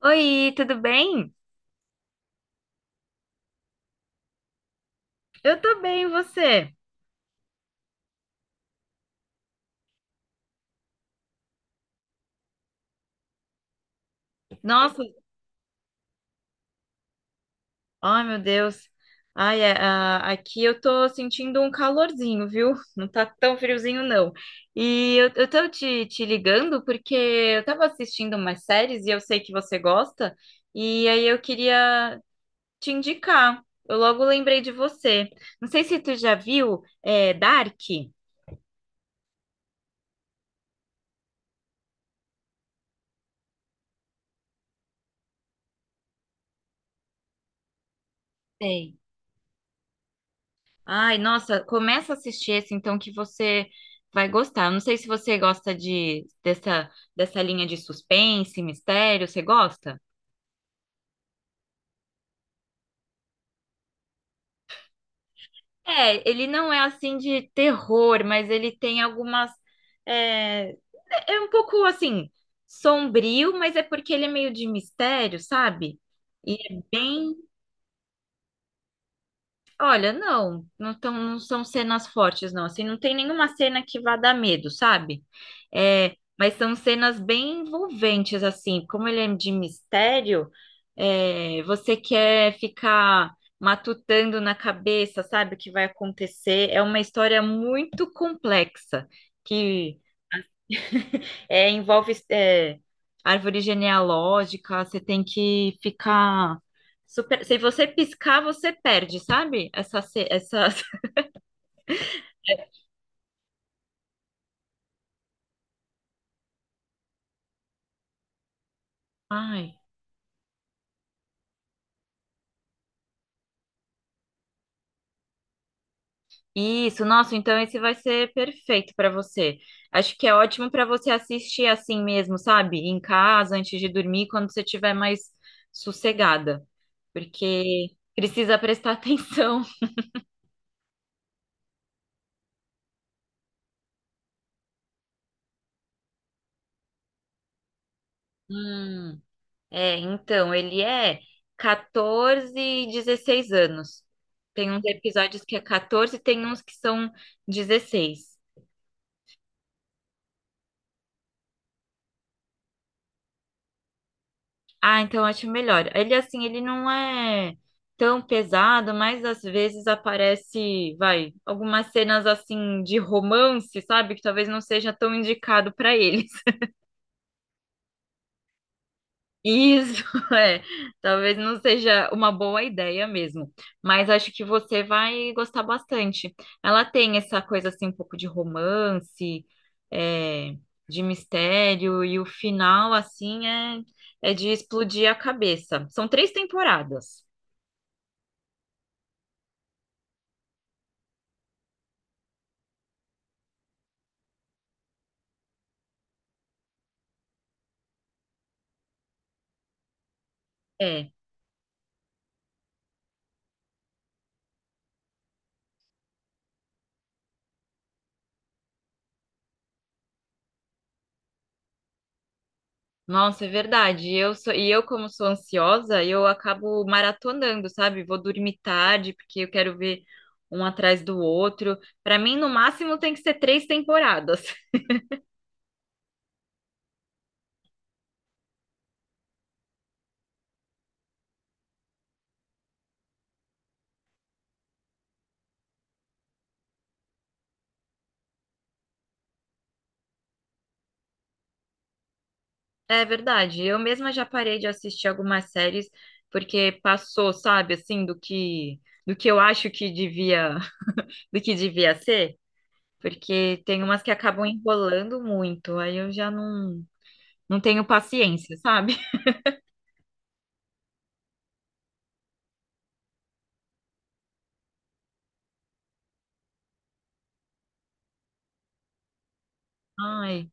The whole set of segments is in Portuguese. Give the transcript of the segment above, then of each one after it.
Oi, tudo bem? Eu tô bem, e você? Nossa, ai meu Deus. Ai, é, ah, aqui eu tô sentindo um calorzinho, viu? Não tá tão friozinho, não. E eu tô te ligando porque eu tava assistindo umas séries e eu sei que você gosta, e aí eu queria te indicar. Eu logo lembrei de você. Não sei se tu já viu, é, Dark. Sei. Ai, nossa, começa a assistir esse então que você vai gostar. Eu não sei se você gosta de dessa dessa linha de suspense, mistério, você gosta? É, ele não é assim de terror, mas ele tem algumas é, é é um pouco assim sombrio, mas é porque ele é meio de mistério, sabe? E é bem. Olha, não, não são cenas fortes, não. Assim, não tem nenhuma cena que vá dar medo, sabe? É, mas são cenas bem envolventes, assim. Como ele é de mistério, você quer ficar matutando na cabeça, sabe, o que vai acontecer. É uma história muito complexa, que… envolve árvore genealógica, você tem que ficar super. Se você piscar, você perde, sabe? Essa, essa… Ai, isso, nossa, então esse vai ser perfeito para você. Acho que é ótimo para você assistir assim mesmo, sabe? Em casa, antes de dormir, quando você estiver mais sossegada, porque precisa prestar atenção. Hum. É, então, ele é 14 e 16 anos. Tem uns episódios que é 14, tem uns que são 16. Ah, então eu acho melhor. Ele, assim, ele não é tão pesado, mas às vezes aparece, vai, algumas cenas, assim, de romance, sabe? Que talvez não seja tão indicado para ele. Isso. é, talvez não seja uma boa ideia mesmo, mas acho que você vai gostar bastante. Ela tem essa coisa assim, um pouco de romance, é, de mistério, e o final assim é de explodir a cabeça. São três temporadas. É. Nossa, é verdade. Eu, como sou ansiosa, eu acabo maratonando, sabe? Vou dormir tarde, porque eu quero ver um atrás do outro. Para mim, no máximo, tem que ser três temporadas. É verdade. Eu mesma já parei de assistir algumas séries, porque passou, sabe, assim, do que eu acho que devia, do que devia ser. Porque tem umas que acabam enrolando muito. Aí eu já não, não tenho paciência, sabe? Ai.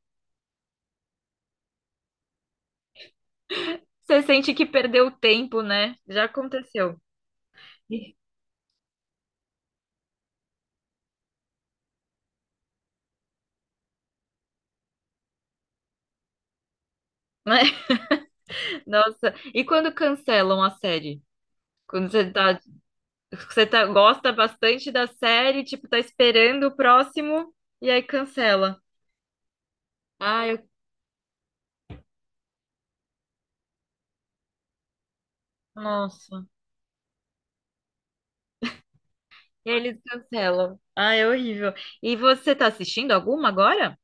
Você sente que perdeu tempo, né? Já aconteceu. Ih. Né? Nossa, e quando cancelam a série? Quando você tá, gosta bastante da série, tipo, tá esperando o próximo e aí cancela. Ai, nossa. E aí eles cancelam. Ai, é horrível. E você tá assistindo alguma agora?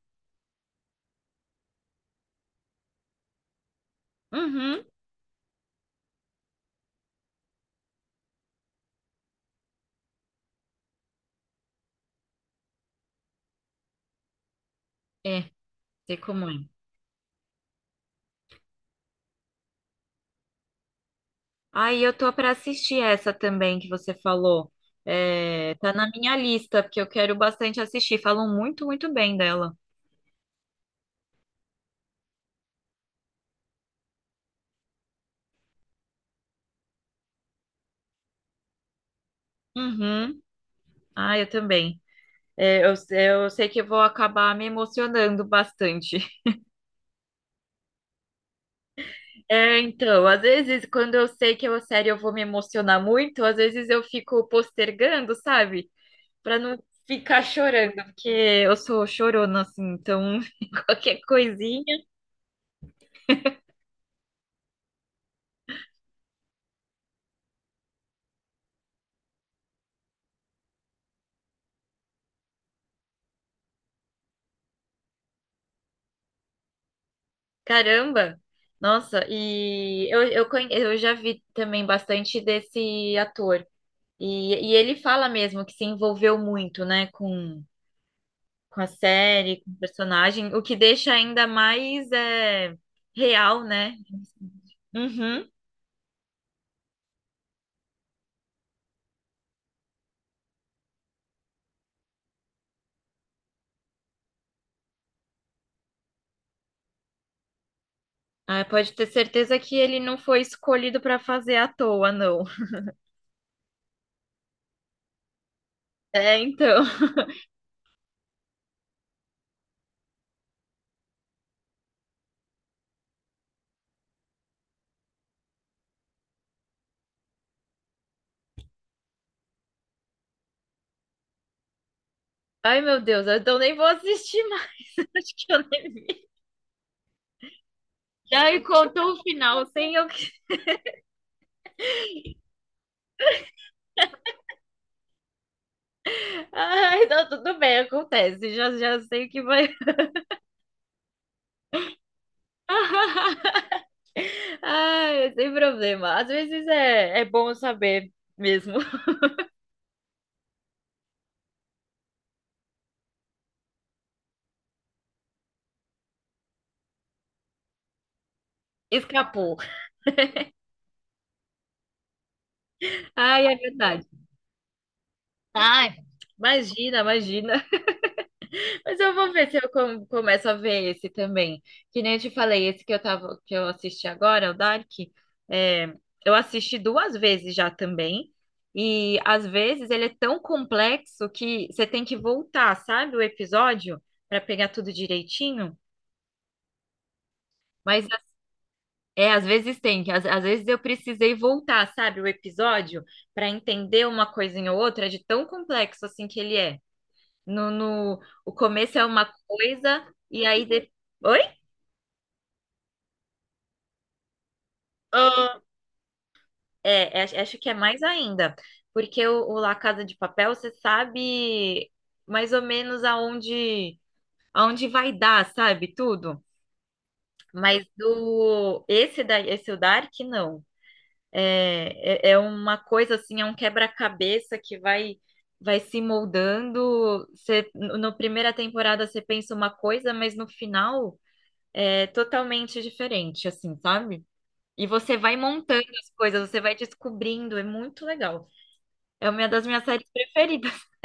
Uhum. É, sei como é. Ai, eu tô pra assistir essa também que você falou. É, tá na minha lista, porque eu quero bastante assistir. Falam muito, muito bem dela. Uhum. Ah, eu também. É, eu sei que eu vou acabar me emocionando bastante. É, então, às vezes, quando eu sei que é uma série eu vou me emocionar muito, às vezes eu fico postergando, sabe? Pra não ficar chorando, porque eu sou chorona, assim, então qualquer coisinha. Caramba! Nossa, e eu já vi também bastante desse ator. E ele fala mesmo que se envolveu muito, né, com a série, com o personagem, o que deixa ainda mais real, né? Uhum. Ah, pode ter certeza que ele não foi escolhido para fazer à toa, não. É, então. Ai, meu Deus, então nem vou assistir mais. Acho que eu nem vi. Já me contou o final sem eu. Ai, não, tudo bem, acontece. Já sei o que vai. Ai, sem problema. Às vezes é bom saber mesmo. Escapou. Ai, é verdade. Ai, imagina, imagina. Mas eu vou ver se eu começo a ver esse também. Que nem eu te falei, esse que eu tava, que eu assisti agora, o Dark, é, eu assisti duas vezes já também. E às vezes ele é tão complexo que você tem que voltar, sabe, o episódio para pegar tudo direitinho. Mas é, às vezes tem, que às vezes eu precisei voltar, sabe, o episódio para entender uma coisinha ou outra de tão complexo assim que ele é. No o começo é uma coisa e aí depois. Oi? Ah, é, acho que é mais ainda, porque o La Casa de Papel, você sabe mais ou menos aonde, aonde vai dar, sabe? Tudo. Mas esse o Dark, não. É uma coisa assim, é um quebra-cabeça que vai se moldando. Você, no na primeira temporada você pensa uma coisa, mas no final é totalmente diferente, assim, sabe? E você vai montando as coisas, você vai descobrindo, é muito legal. É uma das minhas séries preferidas.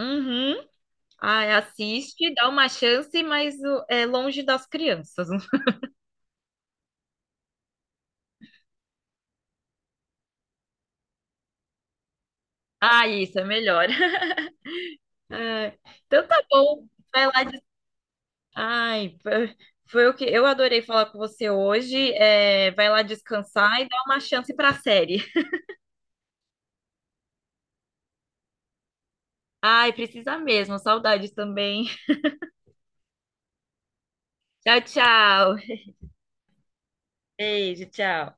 Uhum. Ai, assiste, dá uma chance, mas é longe das crianças. Ah, isso é melhor. Ai, então tá bom. Vai lá. Ai, foi o que eu adorei falar com você hoje. É, vai lá descansar e dá uma chance pra série. Ai, precisa mesmo. Saudades também. Tchau, tchau. Beijo, tchau.